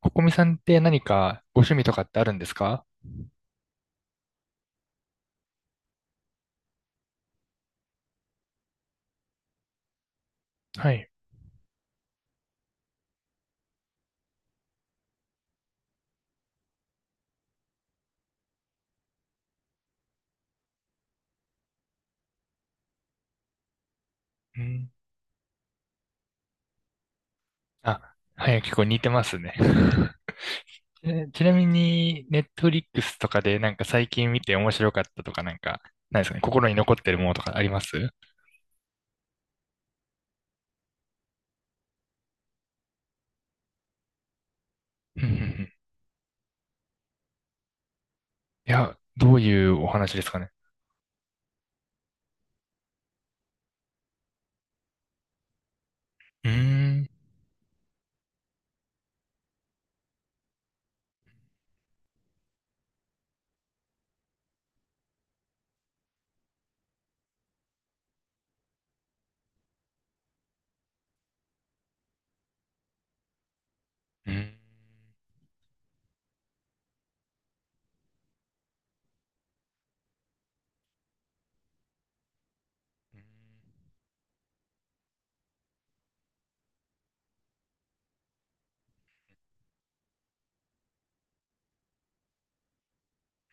ここみさんって何かご趣味とかってあるんですか？はい。うん。あ、はい、結構似てますね。ちなみに、ネットフリックスとかでなんか最近見て面白かったとかなんか、ないですかね。心に残ってるものとかあります？うん、うん、うん。いや、どういうお話ですかね。うーん。うん。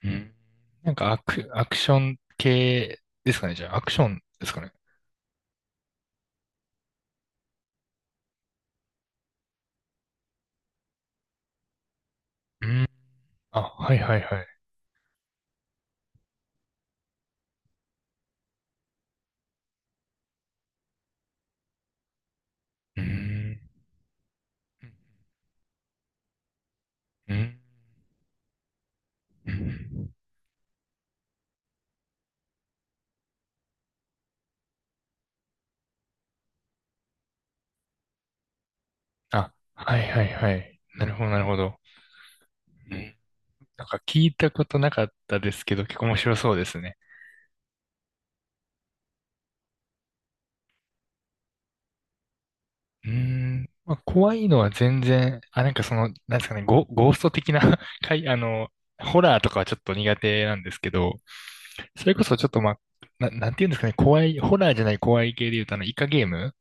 うん。なんかアクション系ですかね。じゃあ、アクションですかね。うん。あ、はいはいはい。うーん。うん。うん。あ、はいはいはい。なるほどなるほど。うん。なんか聞いたことなかったですけど、結構面白そうですね。うーん。まあ、怖いのは全然、あ、なんかその、なんですかね、ゴースト的な かい、あの、ホラーとかはちょっと苦手なんですけど、それこそちょっとまあ、なんていうんですかね、怖い、ホラーじゃない怖い系で言うと、イカゲーム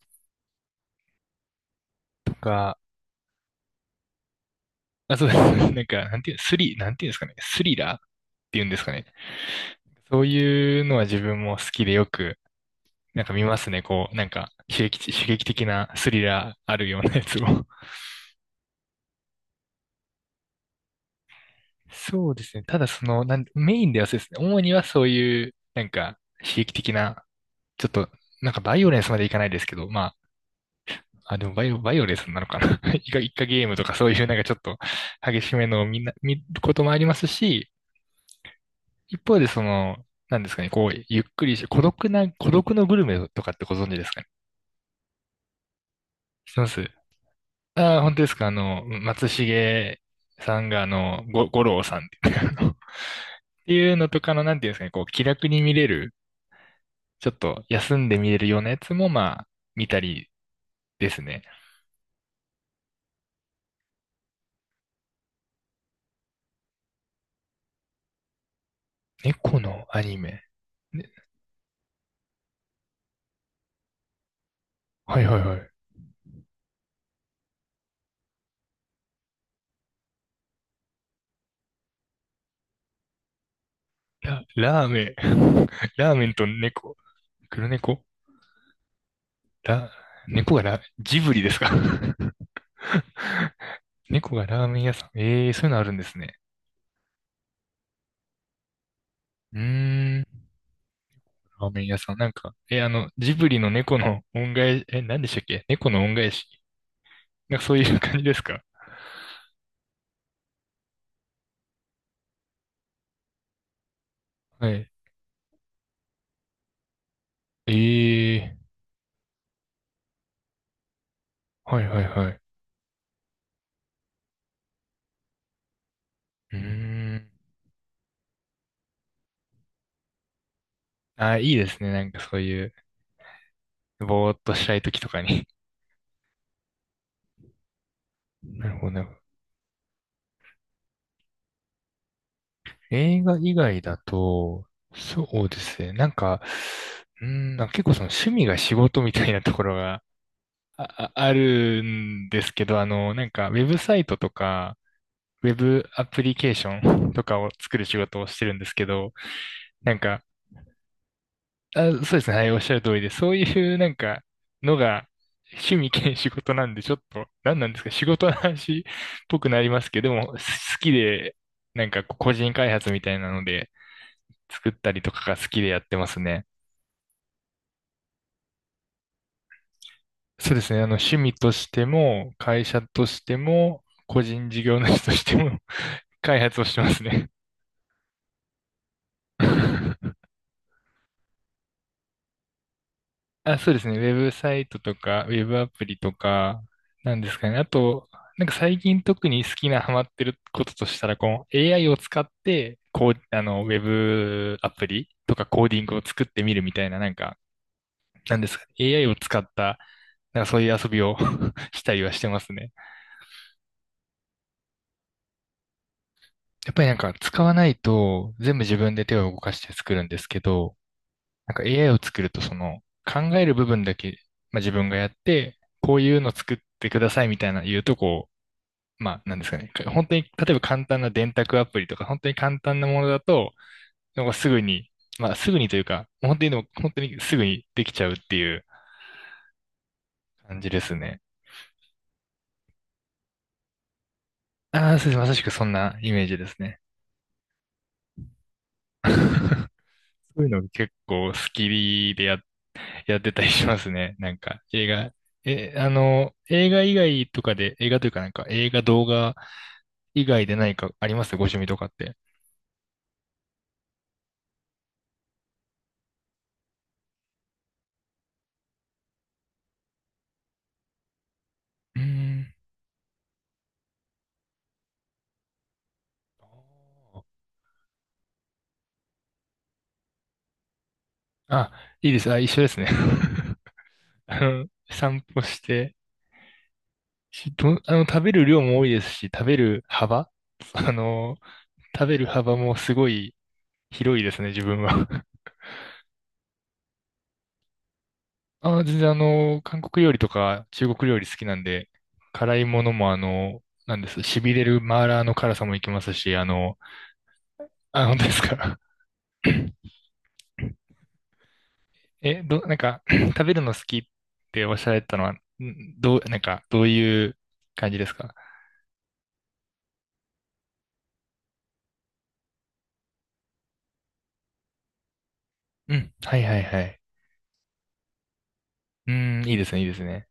とか、あ、そうです。なんか、なんていうんですかね、スリラーっていうんですかね。そういうのは自分も好きでよくなんか見ますね、こう、なんか刺激的なスリラーあるようなやつを。そうですね。ただその、メインではそうですね。主にはそういう、なんか、刺激的な、ちょっと、なんかバイオレンスまでいかないですけど、まあ、あ、でもバイオレンスなのかな。イカゲームとかそういうなんかちょっと激しめのをみんな、見ることもありますし、一方でその、なんですかね、こう、ゆっくりし、孤独のグルメとかってご存知ですかね。知ってます。ああ、本当ですか。あの、松重さんが、あの、五郎さんっていうっていうのとかの、なんていうんですかね、こう、気楽に見れる、ちょっと休んで見れるようなやつも、まあ、見たりですね。猫のアニメ。ね、はいはいはい。ラーメン。ラーメンと猫。黒猫。ラ、猫がジブリですか？ 猫がラーメン屋さん。ええー、そういうのあるんですね。うーん。ラーメン屋さん。なんか、え、あの、ジブリの猫の恩返し、何でしたっけ猫の恩返し。なんかそういう感じですか？はい。ええ、はいはいはい。うーん。あ、いいですね。なんかそういう、ぼーっとしたい時とかに。なるほどね。映画以外だと、そうですね。なんか、うーん、なんか結構その趣味が仕事みたいなところがあるんですけど、あの、なんかウェブサイトとか、ウェブアプリケーションとかを作る仕事をしてるんですけど、なんかあ、そうですね。はい、おっしゃる通りで、そういうなんかのが趣味兼仕事なんで、ちょっと、何なんですか、仕事の話っぽくなりますけど、でも、好きで、なんかこう個人開発みたいなので、作ったりとかが好きでやってますね。そうですね。あの、趣味としても、会社としても、個人事業主としても、開発をしてますね。あ、そうですね。ウェブサイトとか、ウェブアプリとか、なんですかね。あと、なんか最近特に好きなハマってることとしたら、この AI を使って、こう、あの、ウェブアプリとかコーディングを作ってみるみたいな、なんか、なんですかね。AI を使った、なんかそういう遊びを したりはしてますね。やっぱりなんか使わないと、全部自分で手を動かして作るんですけど、なんか AI を作ると、その、考える部分だけ、まあ、自分がやって、こういうの作ってくださいみたいな言うと、こう、まあ、なんですかね。本当に、例えば簡単な電卓アプリとか、本当に簡単なものだと、なんかすぐに、まあ、すぐにというか、本当にでも、本当にすぐにできちゃうっていう感じですね。ああ、そうです。まさしくそんなイメージですね。そういうの結構好きでやってたりしますね。なんか、映画、え、あの、映画以外とかで、映画というかなんか、映画、動画以外で何かありますご趣味とかって。うーん。あ、いいです。あ、一緒ですね。あの、散歩して、し、ど、あの、食べる量も多いですし、食べる幅。 あの、食べる幅もすごい広いですね、自分は。あ、全然韓国料理とか中国料理好きなんで、辛いものもあの、なんです、痺れるマーラーの辛さもいけますし、あ、本当ですか。なんか、食べるの好きっておっしゃられたのは、んどう、なんか、どういう感じですか？うん。はいはいはい。うん、いいですね、いいですね。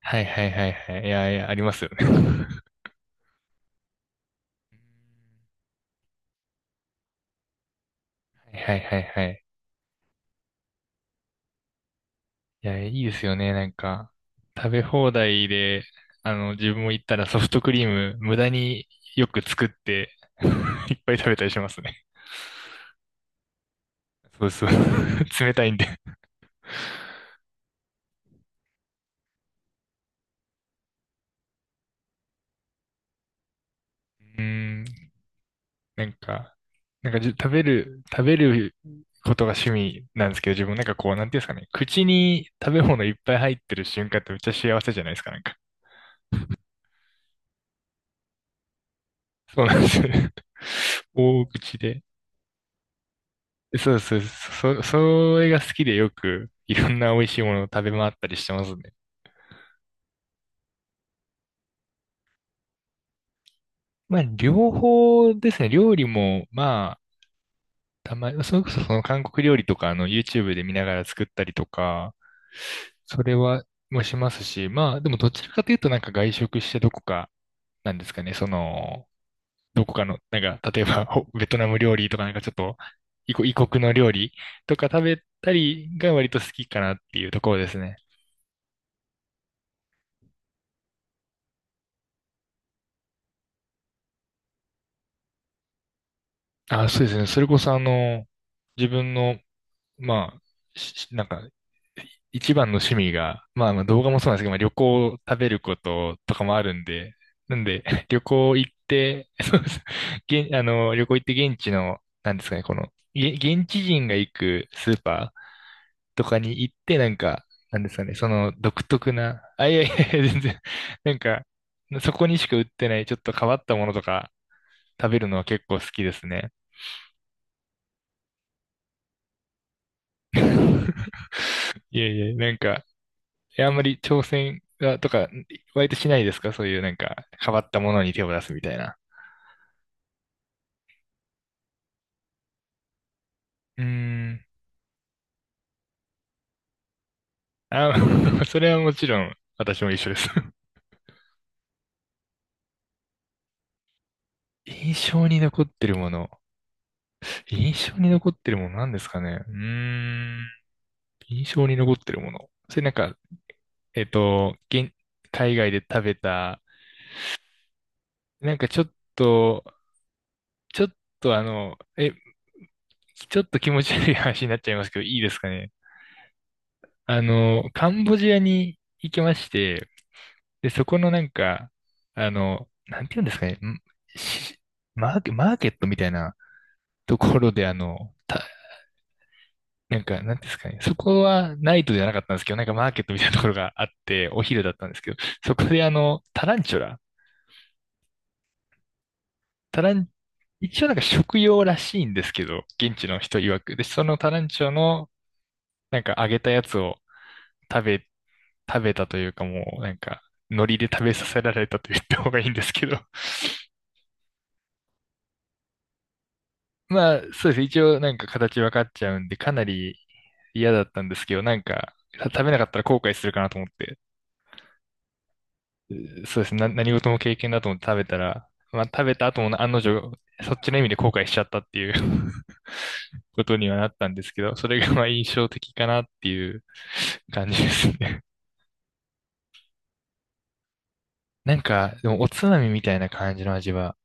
はいはいはいはい。いやいや、ありますよね。はいはいはいはい。いや、いいですよね。なんか、食べ放題で、自分も行ったらソフトクリーム無駄によく作って、いっぱい食べたりしますね。そうそう。冷たいんで。うーん、なんか、なんかじ、食べることが趣味なんですけど、自分なんかこう、なんていうんですかね、口に食べ物いっぱい入ってる瞬間ってめっちゃ幸せじゃないですか、なんか。そうなんですよね。大口で。そうそう、それが好きでよくいろんな美味しいものを食べ回ったりしてますね。まあ、両方ですね。料理も、まあ、たまに、それこそその韓国料理とか、YouTube で見ながら作ったりとか、それは、もしますし、まあ、でもどちらかというとなんか外食してどこか、なんですかね、その、どこかの、なんか、例えば、ベトナム料理とかなんかちょっと、異国の料理とか食べたりが割と好きかなっていうところですね。あ、そうですね。それこそ自分の、まあ、なんか、一番の趣味が、まあ、動画もそうなんですけど、まあ、旅行、食べることとかもあるんで、なんで、旅行行って、そうです。現、あの、旅行行って現地の、なんですかね、この、現地人が行くスーパーとかに行って、なんか、なんですかね、その独特な、あ、いやいやいや、全然、なんか、そこにしか売ってない、ちょっと変わったものとか食べるのは結構好きですね。いやいや、なんか、あんまり挑戦が、とか、割としないですかそういうなんか、変わったものに手を出すみたいな。うーん。あ、それはもちろん、私も一緒です。印象に残ってるもの。印象に残ってるものなんですかね、うーん。印象に残ってるもの。それなんか、えっと、現、海外で食べた、なんかちょっと、ちょっとあの、え、ちょっと気持ち悪い話になっちゃいますけど、いいですかね。あの、カンボジアに行きまして、で、そこのなんか、なんていうんですかね、んしマーケ、マーケットみたいなところで、なんか、なんていうんですかね、そこはナイトじゃなかったんですけど、なんかマーケットみたいなところがあって、お昼だったんですけど、そこでタランチュラ、タラン、一応なんか食用らしいんですけど、現地の人曰く。で、そのタランチュラの、なんか揚げたやつを食べ、食べたというかもう、なんか、海苔で食べさせられたと言った方がいいんですけど、まあ、そうですね。一応なんか形分かっちゃうんで、かなり嫌だったんですけど、なんか、食べなかったら後悔するかなと思って、そうですね。何事も経験だと思って食べたら、まあ、食べた後も案の定、そっちの意味で後悔しちゃったっていう ことにはなったんですけど、それが まあ印象的かなっていう感じですね。なんか、でもおつまみみたいな感じの味は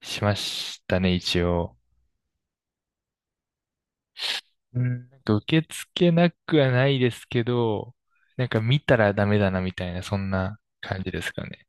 しましたね、一応。うん、なんか受け付けなくはないですけど、なんか見たらダメだなみたいな、そんな感じですかね。